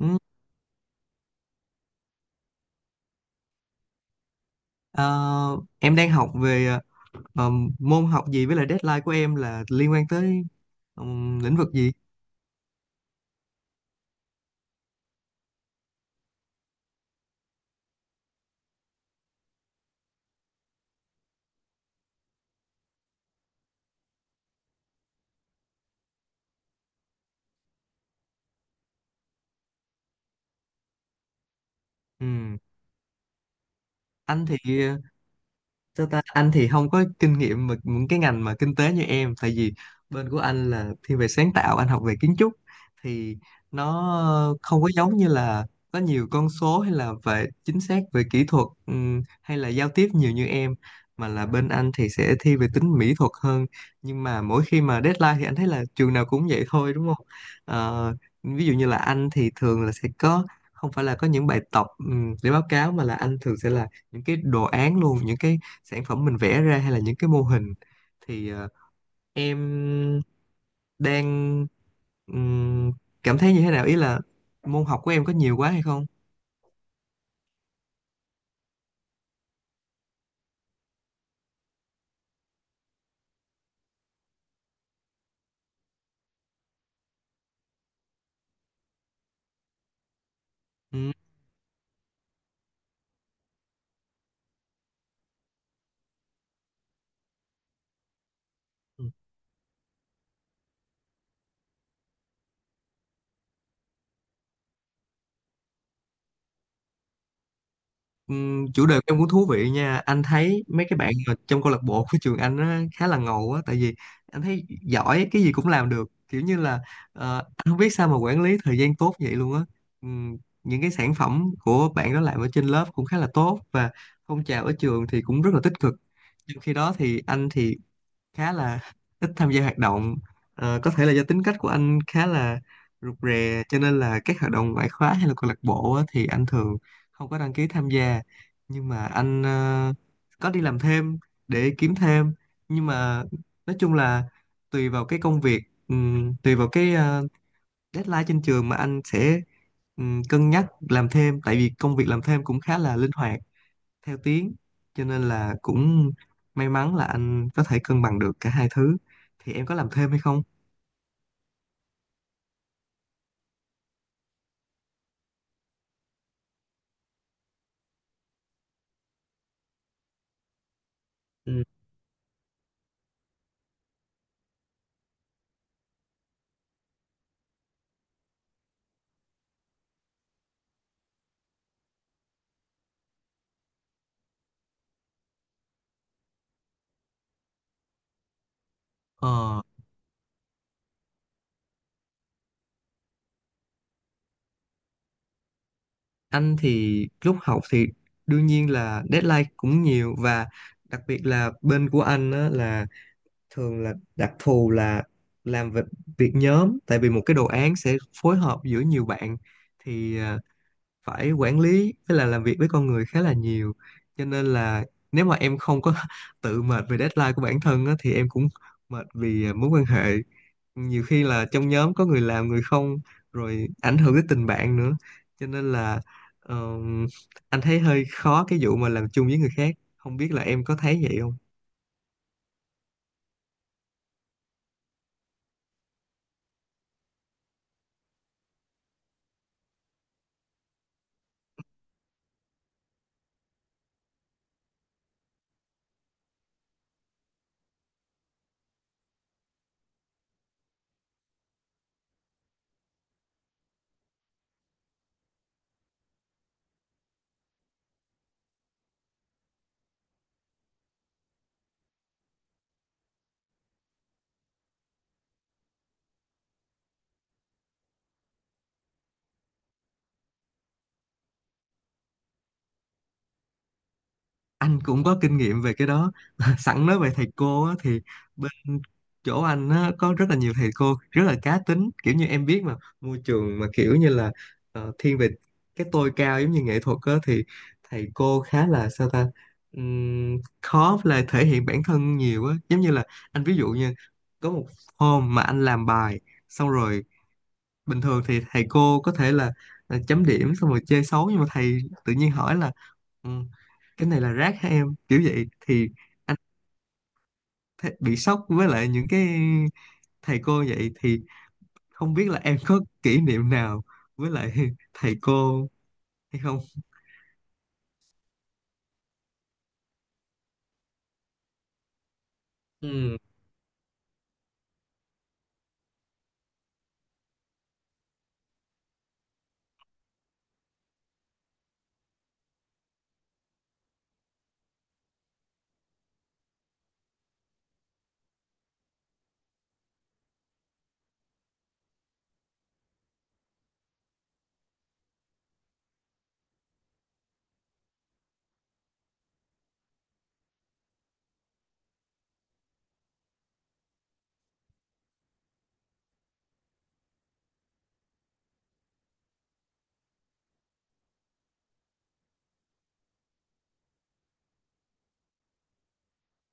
Ừ. ờ, em đang học về ờ, môn học gì với lại deadline của em là liên quan tới lĩnh vực gì? Ừ. Anh thì, sao ta, anh thì không có kinh nghiệm mà những cái ngành mà kinh tế như em, tại vì bên của anh là thiên về sáng tạo, anh học về kiến trúc, thì nó không có giống như là có nhiều con số hay là về chính xác về kỹ thuật, hay là giao tiếp nhiều như em, mà là bên anh thì sẽ thi về tính mỹ thuật hơn. Nhưng mà mỗi khi mà deadline thì anh thấy là trường nào cũng vậy thôi, đúng không? Ờ, Ví dụ như là anh thì thường là sẽ có, không phải là có những bài tập để báo cáo, mà là anh thường sẽ là những cái đồ án luôn, những cái sản phẩm mình vẽ ra hay là những cái mô hình. Thì em đang ừm, cảm thấy như thế nào, ý là môn học của em có nhiều quá hay không? Ừm, Chủ đề của em cũng thú vị nha. Anh thấy mấy cái bạn mà trong câu lạc bộ của trường anh á, khá là ngầu á, tại vì anh thấy giỏi cái gì cũng làm được, kiểu như là anh không biết sao mà quản lý thời gian tốt vậy luôn á. Ừm, những cái sản phẩm của bạn đó làm ở trên lớp cũng khá là tốt, và phong trào ở trường thì cũng rất là tích cực. Trong khi đó thì anh thì khá là ít tham gia hoạt động. Ờ, có thể là do tính cách của anh khá là rụt rè, cho nên là các hoạt động ngoại khóa hay là câu lạc bộ á, thì anh thường không có đăng ký tham gia. Nhưng mà anh có đi làm thêm để kiếm thêm. Nhưng mà nói chung là tùy vào cái công việc, tùy vào cái deadline trên trường mà anh sẽ cân nhắc làm thêm, tại vì công việc làm thêm cũng khá là linh hoạt theo tiếng, cho nên là cũng may mắn là anh có thể cân bằng được cả hai thứ. Thì em có làm thêm hay không? Ừ. ờ, anh thì lúc học thì đương nhiên là deadline cũng nhiều, và đặc biệt là bên của anh á, là thường là đặc thù là làm việc, việc nhóm, tại vì một cái đồ án sẽ phối hợp giữa nhiều bạn. Thì phải quản lý với là làm việc với con người khá là nhiều, cho nên là nếu mà em không có tự mệt về deadline của bản thân á, thì em cũng mệt vì mối quan hệ, nhiều khi là trong nhóm có người làm người không, rồi ảnh hưởng tới tình bạn nữa. Cho nên là ờm, anh thấy hơi khó cái vụ mà làm chung với người khác. Không biết là em có thấy vậy không? Anh cũng có kinh nghiệm về cái đó. Sẵn nói về thầy cô á, thì bên chỗ anh á, có rất là nhiều thầy cô rất là cá tính, kiểu như em biết mà, môi trường mà kiểu như là thiên về cái tôi cao giống như nghệ thuật á, thì thầy cô khá là sao ta. Khó là thể hiện bản thân nhiều á, giống như là anh ví dụ như có một hôm mà anh làm bài xong rồi, bình thường thì thầy cô có thể là chấm điểm xong rồi chê xấu, nhưng mà thầy tự nhiên hỏi là "Ừ, cái này là rác hả em?" kiểu vậy. Thì anh bị sốc với lại những cái thầy cô vậy. Thì không biết là em có kỷ niệm nào với lại thầy cô hay không? Ừ.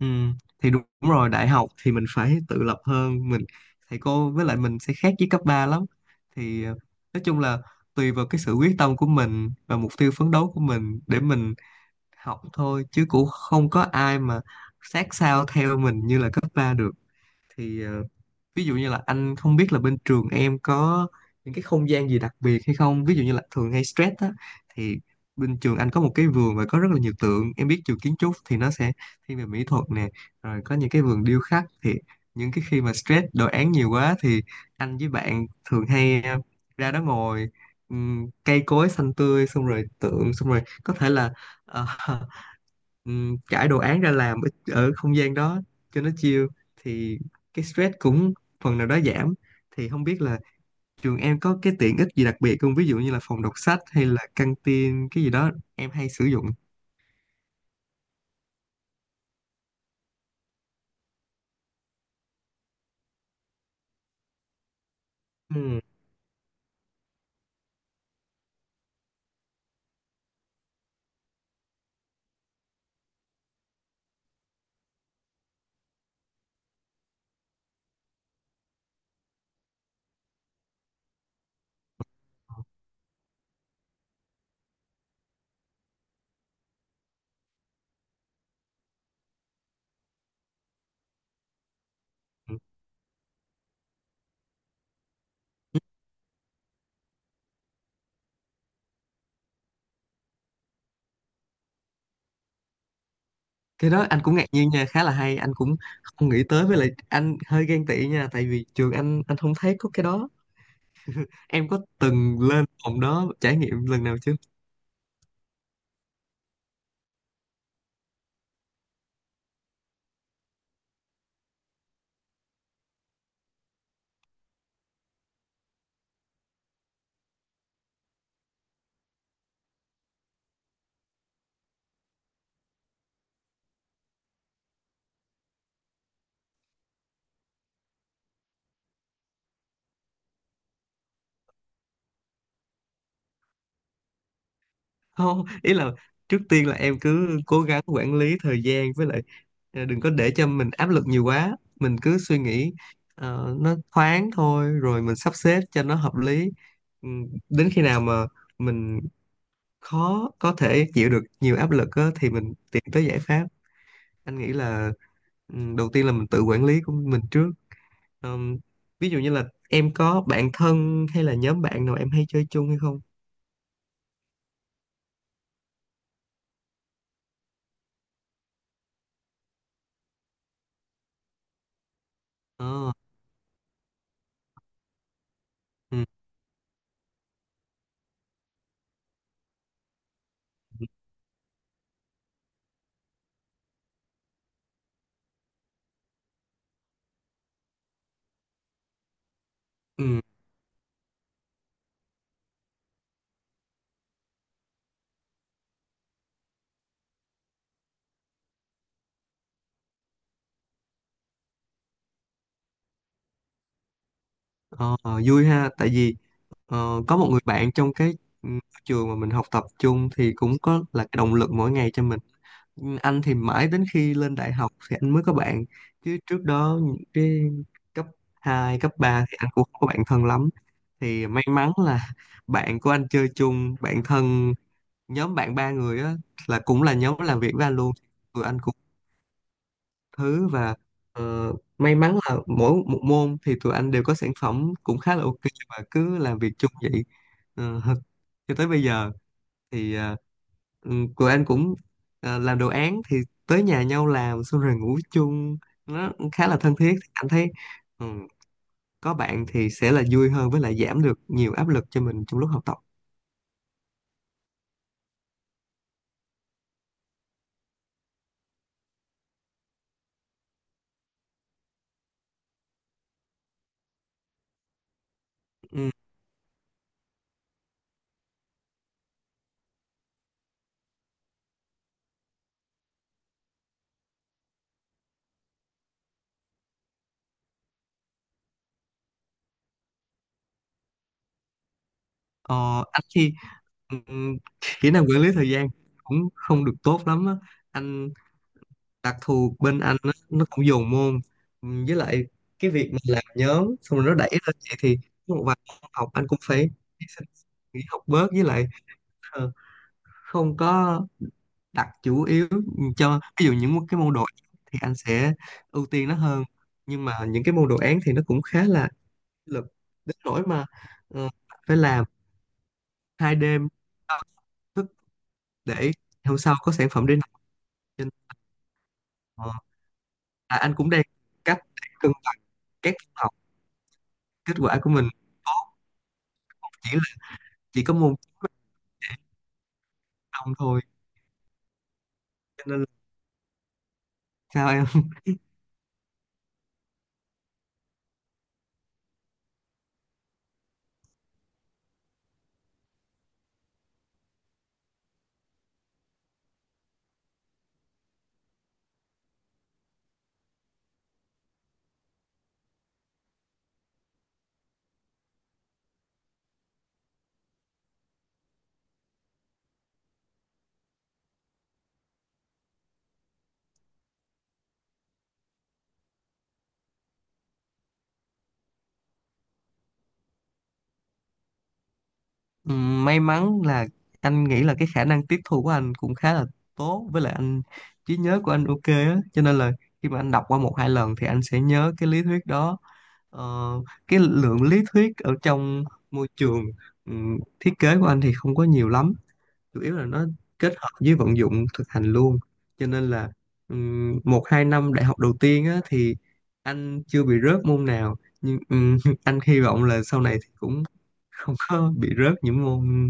ừ, thì đúng rồi, đại học thì mình phải tự lập hơn, mình thầy cô với lại mình sẽ khác với cấp 3 lắm. Thì nói chung là tùy vào cái sự quyết tâm của mình và mục tiêu phấn đấu của mình để mình học thôi, chứ cũng không có ai mà sát sao theo mình như là cấp 3 được. Thì ví dụ như là anh không biết là bên trường em có những cái không gian gì đặc biệt hay không, ví dụ như là thường hay stress á, thì bên trường anh có một cái vườn và có rất là nhiều tượng. Em biết trường kiến trúc thì nó sẽ thiên về mỹ thuật nè, rồi có những cái vườn điêu khắc. Thì những cái khi mà stress đồ án nhiều quá, thì anh với bạn thường hay ra đó ngồi, cây cối xanh tươi, xong rồi tượng, xong rồi có thể là ờ, trải đồ án ra làm ở, ở không gian đó cho nó chill, thì cái stress cũng phần nào đó giảm. Thì không biết là trường em có cái tiện ích gì đặc biệt không, ví dụ như là phòng đọc sách hay là căng tin cái gì đó em hay sử dụng? Ừm. Cái đó anh cũng ngạc nhiên nha, khá là hay. Anh cũng không nghĩ tới, với lại anh hơi ghen tị nha, tại vì trường anh không thấy có cái đó. Em có từng lên phòng đó trải nghiệm lần nào chưa? Không, ý là trước tiên là em cứ cố gắng quản lý thời gian, với lại đừng có để cho mình áp lực nhiều quá, mình cứ suy nghĩ nó thoáng thôi, rồi mình sắp xếp cho nó hợp lý. Ừ, đến khi nào mà mình khó có thể chịu được nhiều áp lực á, thì mình tìm tới giải pháp. Anh nghĩ là đầu tiên là mình tự quản lý của mình trước. Ờm, Ví dụ như là em có bạn thân hay là nhóm bạn nào em hay chơi chung hay không? Ờ, ừ. Ừ. Ờ, vui ha, tại vì có một người bạn trong cái ừ, trường mà mình học tập chung, thì cũng có là cái động lực mỗi ngày cho mình. Ừ, anh thì mãi đến khi lên đại học thì anh mới có bạn, chứ trước đó những cái cấp 2 cấp 3 thì anh cũng không có bạn thân lắm. Thì may mắn là bạn của anh chơi chung bạn thân, nhóm bạn ba người á, là cũng là nhóm làm việc với anh luôn. Tụi anh thứ và may mắn là mỗi một môn thì tụi anh đều có sản phẩm cũng khá là ok, và cứ làm việc chung vậy. Ờ, cho tới bây giờ. Thì tụi anh cũng làm đồ án thì tới nhà nhau làm, xong rồi ngủ chung, nó khá là thân thiết. Anh thấy ừm, có bạn thì sẽ là vui hơn, với lại giảm được nhiều áp lực cho mình trong lúc học tập. Ờ, anh thì ừm, kỹ năng quản lý thời gian cũng không được tốt lắm á. Anh đặc thù bên anh á, nó cũng dồn môn. Với lại cái việc mình làm nhóm xong rồi nó đẩy lên vậy, thì có một vài môn học anh cũng phải hy sinh, nghỉ học bớt, với lại ờ, không có đặt chủ yếu cho, ví dụ những cái môn đồ án thì anh sẽ ưu tiên nó hơn. Nhưng mà những cái môn đồ án thì nó cũng khá là lực đến nỗi mà ờ, phải làm 2 đêm đau thức để hôm sau có sản phẩm để nộp trên. ờ, anh cũng đang cách để cân bằng các kết quả của mình tốt, chỉ là chỉ có môn đồng thôi. Cho nên là sao em. May mắn là anh nghĩ là cái khả năng tiếp thu của anh cũng khá là tốt, với lại anh trí nhớ của anh ok á, cho nên là khi mà anh đọc qua một hai lần thì anh sẽ nhớ cái lý thuyết đó. Ờ, cái lượng lý thuyết ở trong môi trường thiết kế của anh thì không có nhiều lắm, chủ yếu là nó kết hợp với vận dụng thực hành luôn. Cho nên là một hai năm đại học đầu tiên á, thì anh chưa bị rớt môn nào. Nhưng anh hy vọng là sau này thì cũng không có bị rớt những môn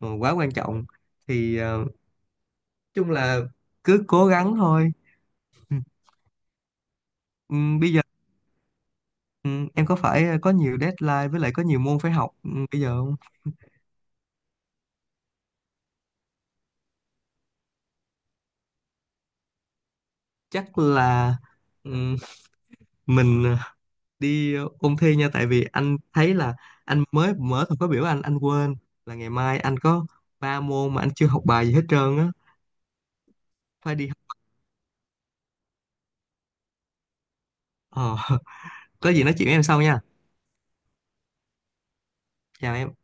mà quá quan trọng. Thì nói chung là cứ cố gắng thôi. Ừm, Bây giờ em có phải có nhiều deadline, với lại có nhiều môn phải học bây giờ không? Chắc là ừm, mình đi ôn thi nha, tại vì anh thấy là anh mới mở thời khóa biểu, anh quên là ngày mai anh có 3 môn mà anh chưa học bài gì hết trơn á, phải đi học. ờ, có gì nói chuyện với em sau nha. Chào em.